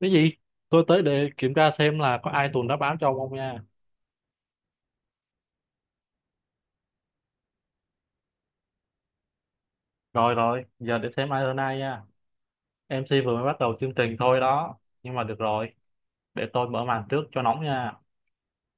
Cái gì? Tôi tới để kiểm tra xem là có ai tuần đáp án cho ông không nha. Rồi rồi giờ để xem ai hơn ai nha. MC vừa mới bắt đầu chương trình thôi đó, nhưng mà được rồi. Để tôi mở màn trước cho nóng nha.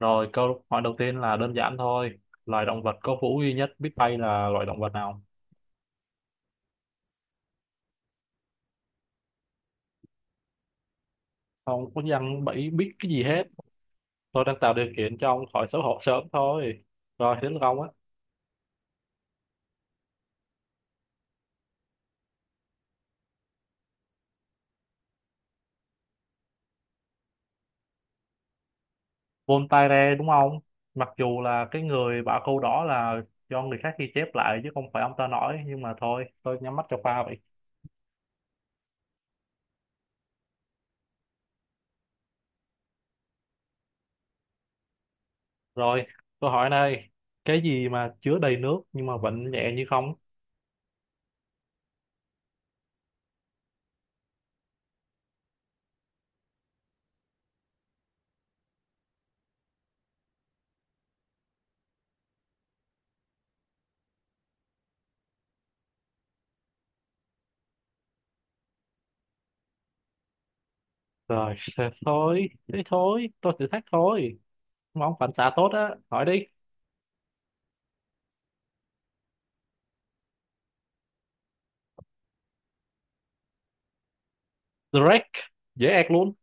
Rồi, câu hỏi đầu tiên là đơn giản thôi. Loài động vật có vú duy nhất biết bay là loài động vật nào? Không có dân bẫy biết cái gì hết. Tôi đang tạo điều kiện cho ông khỏi xấu hổ sớm thôi. Rồi, đến lượt ông á. Voltaire đúng không? Mặc dù là cái người bảo câu đó là do người khác ghi chép lại chứ không phải ông ta nói, nhưng mà thôi tôi nhắm mắt cho pha vậy. Rồi, câu hỏi này, cái gì mà chứa đầy nước nhưng mà vẫn nhẹ như không? Rồi, thế thôi, tôi thử thách thôi mà ông phản xạ tốt á, hỏi đi. Drake, dễ ẹc luôn.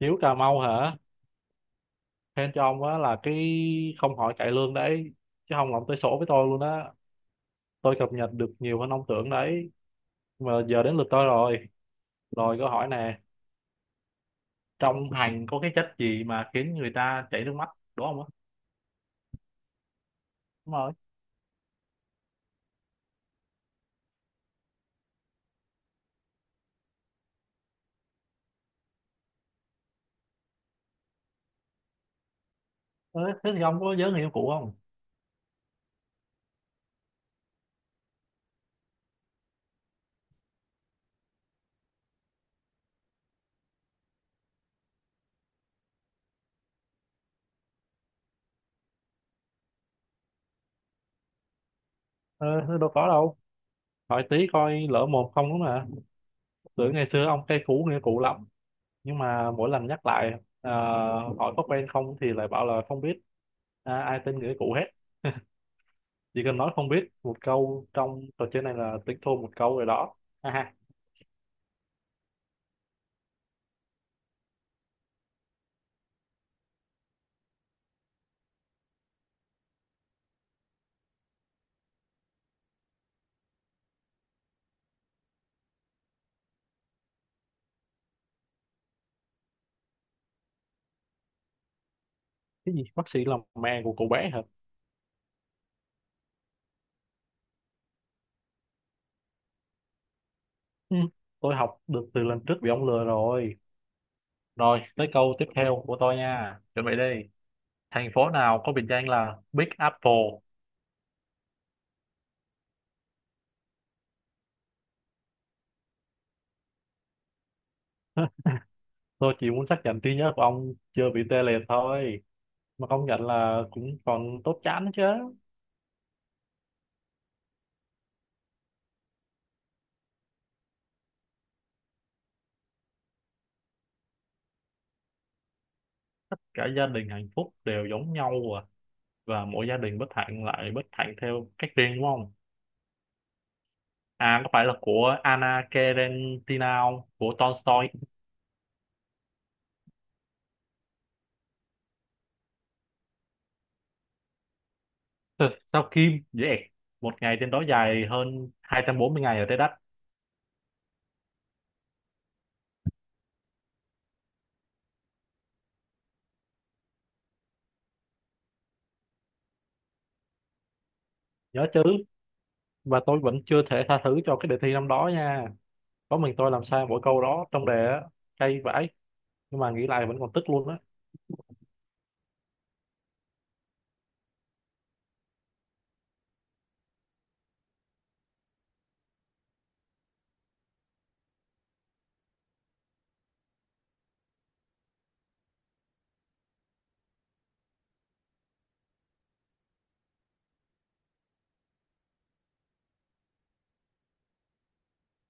Hiếu Cà Mau hả? Khen cho ông á, là cái không hỏi cải lương đấy, chứ không là ông tới sổ với tôi luôn á. Tôi cập nhật được nhiều hơn ông tưởng đấy. Mà giờ đến lượt tôi rồi. Rồi câu hỏi nè, trong hành có cái chất gì mà khiến người ta chảy nước mắt, đúng không á? Đúng rồi. Ờ, Thế thì ông có nhớ người yêu cũ không? Ờ, Thế đâu có đâu. Hỏi tí coi lỡ một không đúng mà. Tưởng ngày xưa ông cay cú người yêu cũ lắm. Nhưng mà mỗi lần nhắc lại, ờ, hỏi có quen không thì lại bảo là không biết. À, ai tin người yêu cũ hết. Chỉ cần nói không biết một câu trong trò chơi này là tính thua một câu rồi đó. Ha ha. Cái gì? Bác sĩ là mẹ của cậu bé hả? Ừ, tôi học được từ lần trước bị ông lừa rồi. Rồi, tới câu tiếp theo của tôi nha. Chuẩn bị đi. Thành phố nào có biệt danh là Big Apple? Tôi chỉ muốn xác nhận trí nhớ của ông chưa bị tê liệt thôi. Mà công nhận là cũng còn tốt chán chứ. Tất cả gia đình hạnh phúc đều giống nhau à. Và mỗi gia đình bất hạnh lại bất hạnh theo cách riêng đúng không? À, có phải là của Anna Karenina không? Của Tolstoy. Ừ, sao Kim? Dễ ẹc. Một ngày trên đó dài hơn 240 ngày ở trái đất. Nhớ chứ. Và tôi vẫn chưa thể tha thứ cho cái đề thi năm đó nha. Có mình tôi làm sai mỗi câu đó trong đề á, cay vãi, nhưng mà nghĩ lại vẫn còn tức luôn á.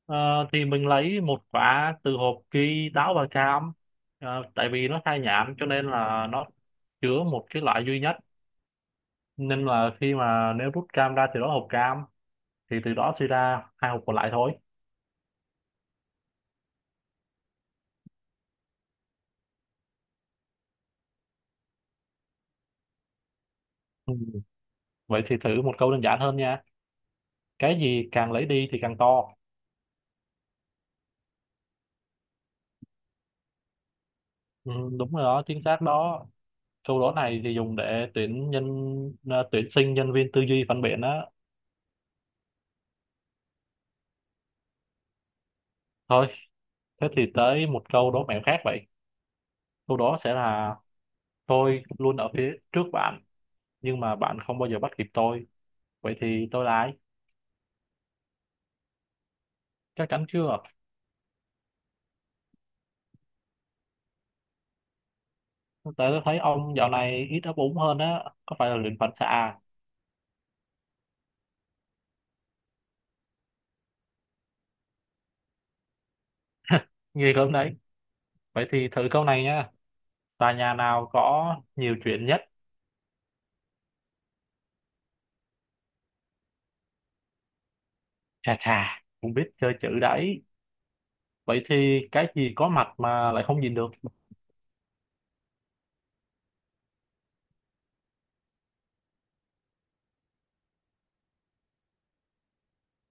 Ờ, thì mình lấy một quả từ hộp ghi táo và cam. Tại vì nó khai nhãn cho nên là nó chứa một cái loại duy nhất, nên là khi mà nếu rút cam ra từ đó hộp cam thì từ đó suy ra hai hộp còn lại thôi. Ừ, vậy thì thử một câu đơn giản hơn nha. Cái gì càng lấy đi thì càng to? Ừ, đúng rồi đó, chính xác đó. Câu đố này thì dùng để tuyển nhân, tuyển sinh nhân viên tư duy phản biện á. Thôi. Thế thì tới một câu đố mẹo khác vậy. Câu đó sẽ là tôi luôn ở phía trước bạn, nhưng mà bạn không bao giờ bắt kịp tôi. Vậy thì tôi là ai? Chắc chắn chưa? Tại tôi thấy ông dạo này ít ấp úng hơn á, có phải là luyện phản xạ à? Nghi lắm đấy. Vậy thì thử câu này nha. Tòa nhà nào có nhiều chuyện nhất? Chà chà, cũng biết chơi chữ đấy. Vậy thì cái gì có mặt mà lại không nhìn được?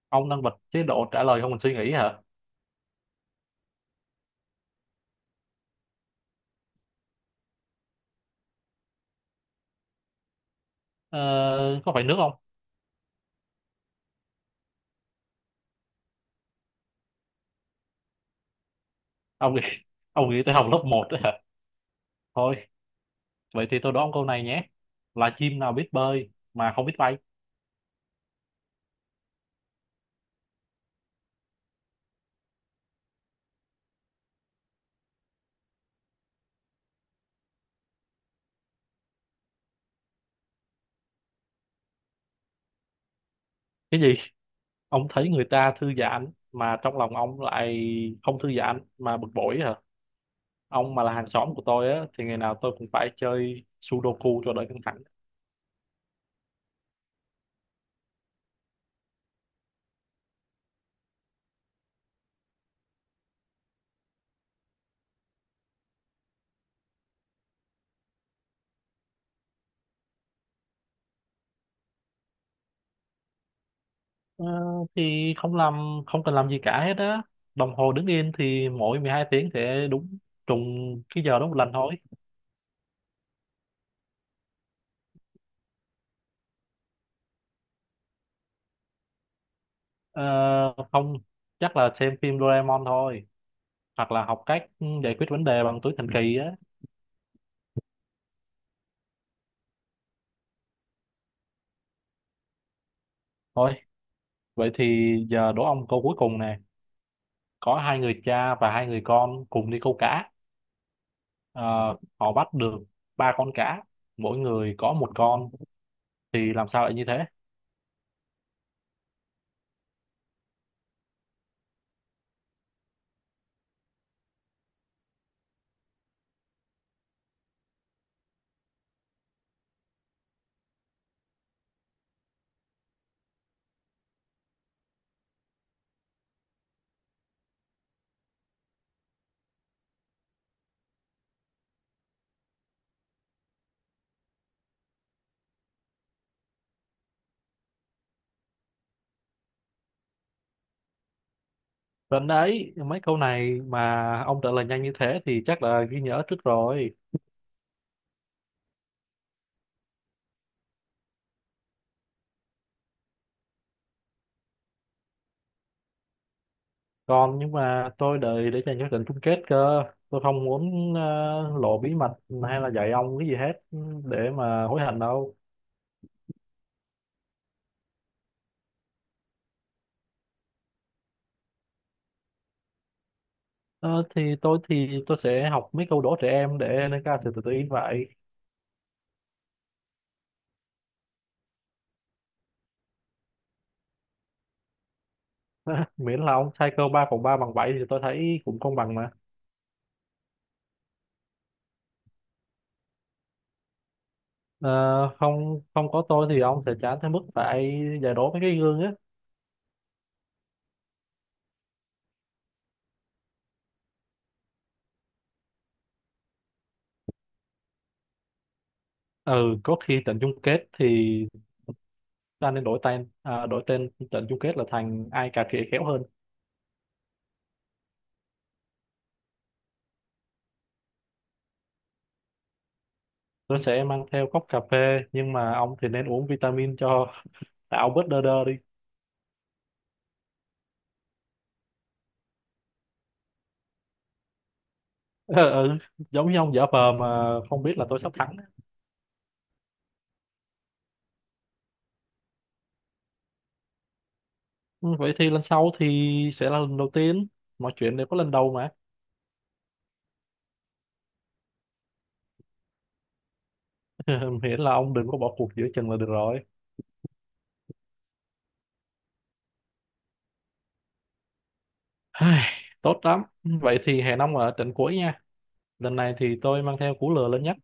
Ông đang bật chế độ trả lời không mình suy nghĩ hả? Ờ, có phải nước không? Ông nghĩ, ông nghĩ tới học lớp một đấy hả? Thôi. Vậy thì tôi đố ông câu này nhé. Là chim nào biết bơi mà không biết bay? Cái gì? Ông thấy người ta thư giãn mà trong lòng ông lại không thư giãn mà bực bội hả? Ông mà là hàng xóm của tôi á thì ngày nào tôi cũng phải chơi Sudoku cho đỡ căng thẳng. Ờ, thì không làm không cần làm gì cả hết á. Đồng hồ đứng yên thì mỗi 12 tiếng sẽ đúng trùng cái giờ đó một lần thôi. Ờ, Không, chắc là xem phim Doraemon thôi hoặc là học cách giải quyết vấn đề bằng túi thần kỳ á. Thôi. Vậy thì giờ đố ông câu cuối cùng nè. Có hai người cha và hai người con cùng đi câu cá. Ờ, Họ bắt được ba con cá, mỗi người có một con. Thì làm sao lại như thế? Đến đấy, mấy câu này mà ông trả lời nhanh như thế thì chắc là ghi nhớ trước rồi. Còn, nhưng mà tôi đợi để dành cho trận chung kết cơ. Tôi không muốn lộ bí mật hay là dạy ông cái gì hết để mà hối hận đâu. Ờ, thì tôi sẽ học mấy câu đố trẻ em để nâng cao sự tự tin vậy. Miễn là ông sai câu 3 cộng 3 bằng 7 thì tôi thấy cũng công bằng mà. Ờ, không không có tôi thì ông sẽ chán tới mức phải giải đố mấy cái gương á. Ừ, có khi trận chung kết thì ta nên đổi tên, à, đổi tên trận chung kết là thành ai cà khịa khéo hơn. Tôi sẽ mang theo cốc cà phê, nhưng mà ông thì nên uống vitamin cho tạo bớt đơ đơ đi. Ừ, ừ, giống như ông giả vờ mà không biết là tôi sắp thắng. Ừ, vậy thì lần sau thì sẽ là lần đầu tiên, mọi chuyện đều có lần đầu mà. Miễn là ông đừng có bỏ cuộc giữa chừng là được rồi. Ai, tốt lắm. Vậy thì hẹn ông ở trận cuối nha. Lần này thì tôi mang theo cú lừa lớn nhất.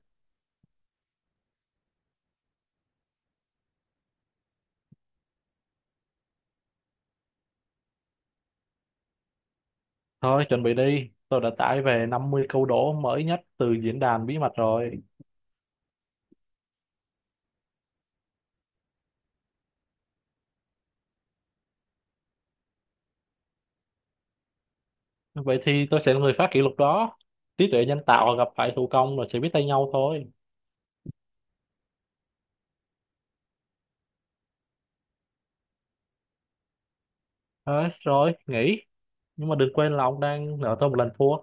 Thôi, chuẩn bị đi. Tôi đã tải về 50 câu đố mới nhất từ diễn đàn bí mật rồi. Vậy thì tôi sẽ là người phá kỷ lục đó. Trí tuệ nhân tạo gặp phải thủ công rồi sẽ biết tay nhau thôi. Thôi, rồi, nghỉ. Nhưng mà đừng quên là ông đang nợ tôi một lần thua.